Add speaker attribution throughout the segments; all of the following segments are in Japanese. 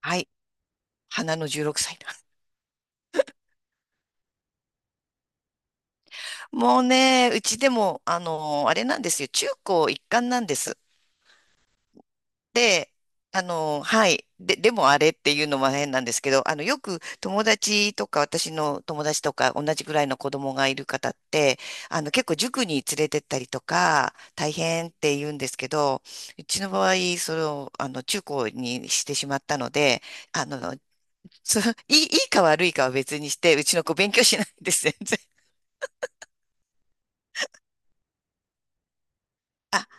Speaker 1: はい。花の16歳だ。もうね、うちでも、あれなんですよ。中高一貫なんです。で、はい。で、でもあれっていうのも変なんですけど、よく友達とか、私の友達とか、同じぐらいの子供がいる方って、結構塾に連れてったりとか、大変って言うんですけど、うちの場合、それを、中高にしてしまったので、あの、そういいか悪いかは別にして、うちの子勉強しないんです、全然。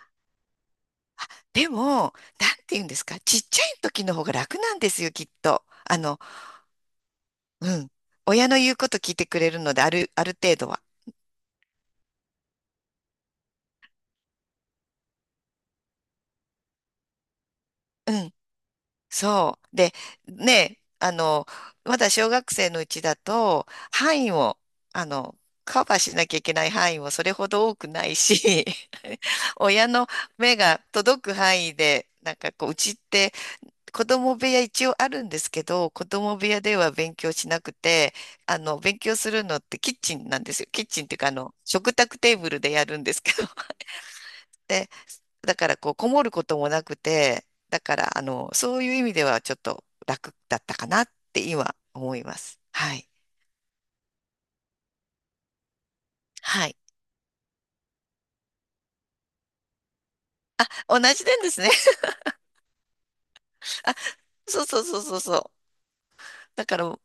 Speaker 1: でも、なんて言うんですか、ちっちゃい時の方が楽なんですよ、きっと。うん。親の言うこと聞いてくれるので、ある程度は。うん。そう。で、ね、まだ小学生のうちだと、範囲を、あの、カバーしなきゃいけない範囲もそれほど多くないし、親の目が届く範囲で、なんかこう、うちって子供部屋一応あるんですけど、子供部屋では勉強しなくて、勉強するのってキッチンなんですよ。キッチンっていうか、食卓テーブルでやるんですけど。で、だからこう、こもることもなくて、だから、そういう意味ではちょっと楽だったかなって今思います。はい。はい。同じなんですね。そうそうそうそうそう。だから、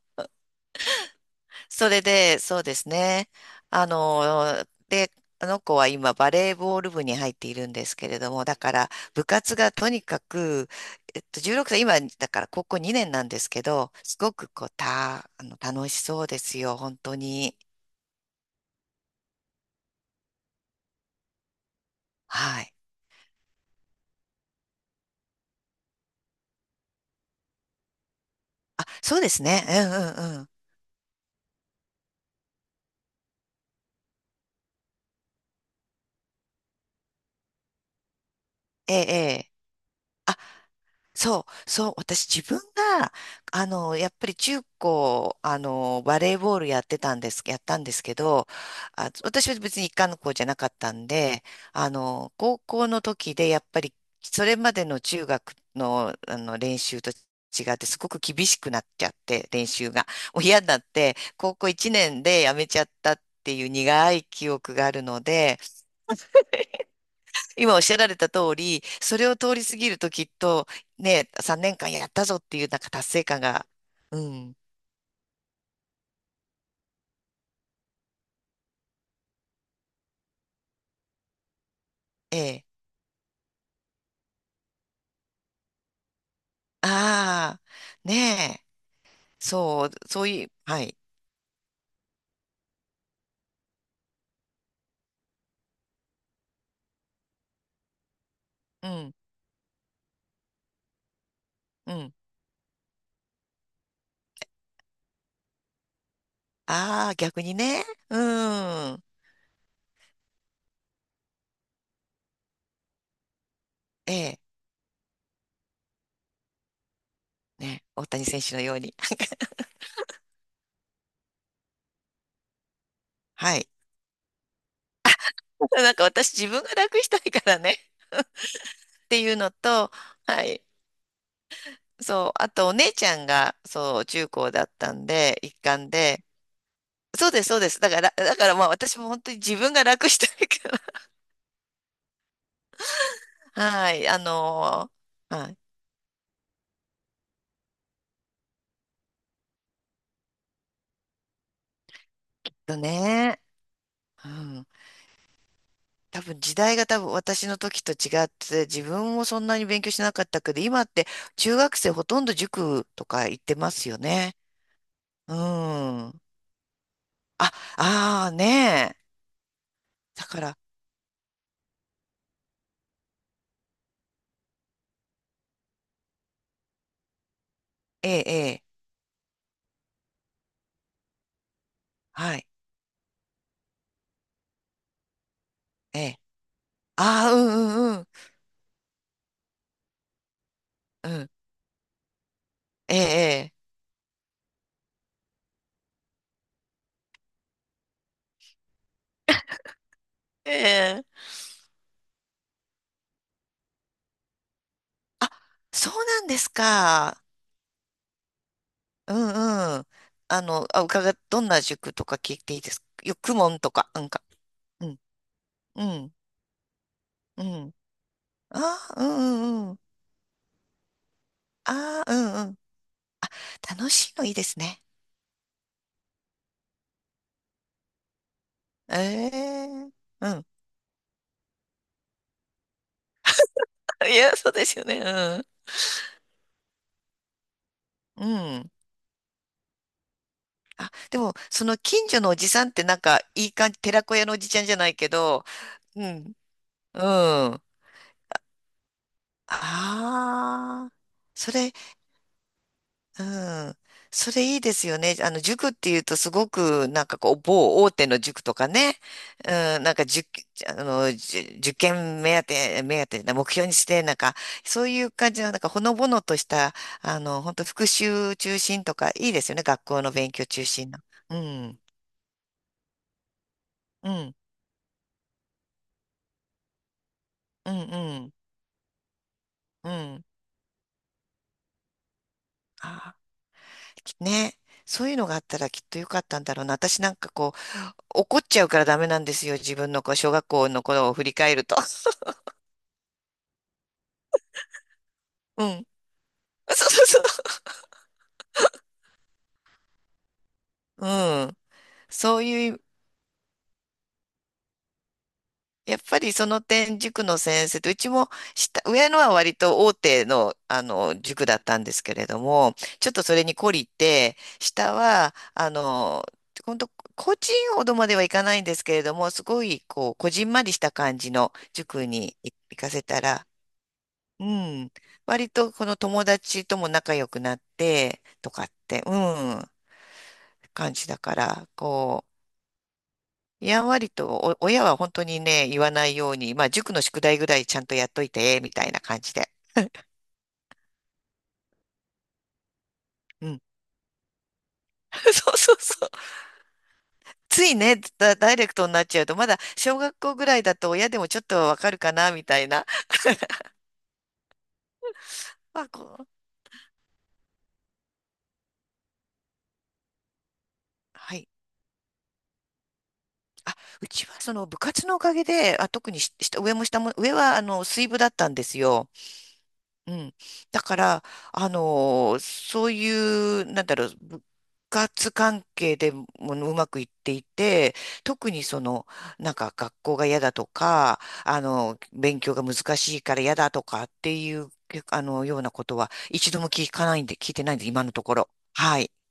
Speaker 1: それで、そうですね。で、あの子は今バレーボール部に入っているんですけれども、だから部活がとにかく、16歳、今だから高校2年なんですけど、すごくこう、た、あの、楽しそうですよ、本当に。はい。あ、そうですね。うんうんうん。ええ、ええ。あそう、そう、私自分が、やっぱり中高、バレーボールやってたんです、やったんですけど、あ、私は別に一貫の子じゃなかったんで、高校の時でやっぱり、それまでの中学の、練習と違って、すごく厳しくなっちゃって、練習が。もう嫌になって、高校1年でやめちゃったっていう苦い記憶があるので、今おっしゃられた通り、それを通り過ぎるときっと、ね、3年間やったぞっていうなんか達成感が、うん、ええ、ああ、ねえ、そう、そういう、はい、うん、うん、ああ、逆にね、うん、ええ、ね、大谷選手のように。はい。なんか私自分が楽したいからね っていうのと、はい。そう。あとお姉ちゃんが、そう、中高だったんで、一貫で、そうです、そうです。だからまあ私も本当に自分が楽したいから。はい、はい、とね、うん。多分時代が多分私の時と違って、自分もそんなに勉強しなかったけど、今って中学生ほとんど塾とか行ってますよね。うん。あ、ああねえ。だから、ええ、ええ、はい、ええ。ああ、うんうんうん。うん、ええ、ええ。ええあ、そうなんですか。うんうん。あ、どんな塾とか聞いていいですかよ、公文とか、なんか。うん、うん、うん。あー、うんうんうん。あうんうんうんあうんうん楽しいのいいですね。ええうん。いや、そうですよね。うん。うん。あ、でも、その近所のおじさんってなんか、いい感じ、寺子屋のおじちゃんじゃないけど、うん、うん。ああ、それ、うん。それいいですよね。塾っていうとすごく、なんかこう、某大手の塾とかね。うん、なんか、塾、あの、じゅ受験目当てな目標にして、なんか、そういう感じの、なんか、ほのぼのとした、本当復習中心とか、いいですよね。学校の勉強中心の。うん、うん、うん、うん、うん。あー、きね。そういうのがあったらきっとよかったんだろうな。私なんかこう、怒っちゃうからダメなんですよ。自分のこう小学校の頃を振り返ると。うん そうそうそう。うん。そういう、やっぱりその点、塾の先生と、うちも下、上のは割と大手の、塾だったんですけれども、ちょっとそれに懲りて、下は、本当個人ほどまではいかないんですけれども、すごい、こう、こじんまりした感じの塾に行かせたら、うん。割とこの友達とも仲良くなって、とかって、うん。感じだから、こう、やんわりと、親は本当にね、言わないように、まあ、塾の宿題ぐらいちゃんとやっといて、みたいな感じで。うん。そうそうそう。ついね、ダイレクトになっちゃうと、まだ小学校ぐらいだと親でもちょっとわかるかな、みたいな。まあ、こう、はい。あ、うちはその部活のおかげで、あ、特にし、下上も下も、上は水部だったんですよ。うん。だから、そういう、なんだろう、部活関係でもうまくいっていて、特にその、なんか学校が嫌だとか、勉強が難しいから嫌だとかっていう、ようなことは一度も聞かないんで、聞いてないんで、今のところ。はい。っ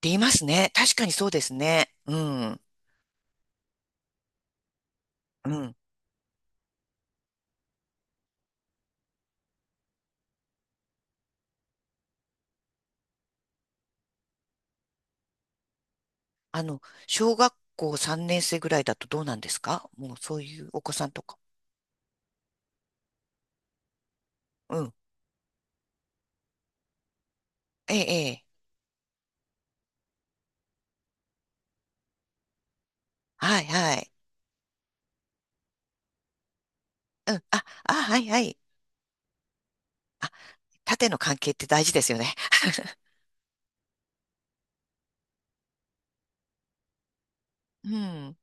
Speaker 1: て言いますね。確かにそうですね。うん。うん。あの、小学校3年生ぐらいだとどうなんですか？もうそういうお子さんとか。うん。ええ、ええ。はい、はい。あ、あ、はいはい。縦の関係って大事ですよね。うん、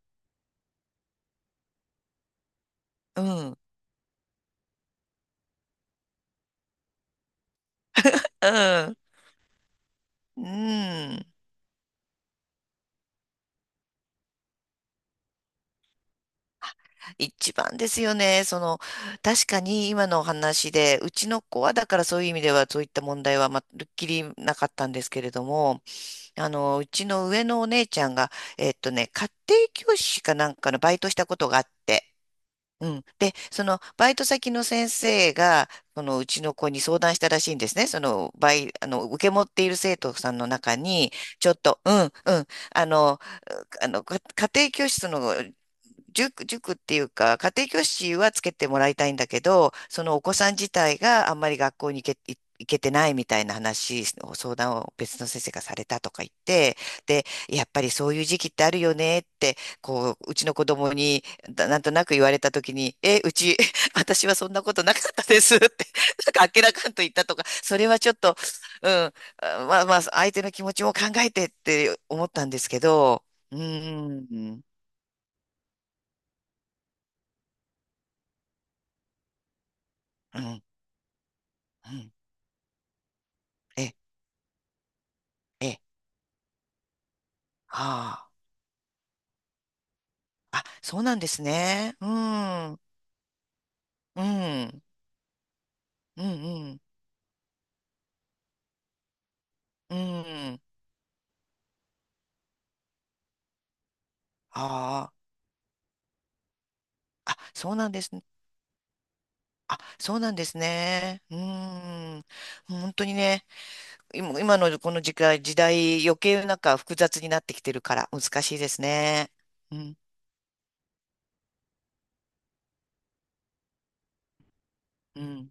Speaker 1: うん、うん。うん、一番ですよね。確かに今のお話で、うちの子はだからそういう意味ではそういった問題はまるっきりなかったんですけれども、うちの上のお姉ちゃんが、ね、家庭教師かなんかのバイトしたことがあって、うん。で、そのバイト先の先生が、そのうちの子に相談したらしいんですね。その、バイ、あの、受け持っている生徒さんの中に、ちょっと、うん、うん、あの、家庭教師の塾、塾っていうか、家庭教師はつけてもらいたいんだけど、そのお子さん自体があんまり学校に行けてないみたいな話を、相談を別の先生がされたとか言って、で、やっぱりそういう時期ってあるよねって、こう、うちの子供に、だなんとなく言われたときに、え、うち、私はそんなことなかったですって、なんかあっけらかんと言ったとか、それはちょっと、うん、あまあまあ、相手の気持ちも考えてって思ったんですけど、うーん、うん、うん、え、え、はあ、あ、そうなんですね。うん、うん、うん、うん、うん、ああ、あ、そうなんですね。あ、そうなんですね。うーん、本当にね、今のこの時代余計なんか複雑になってきてるから難しいですね。うん。うん。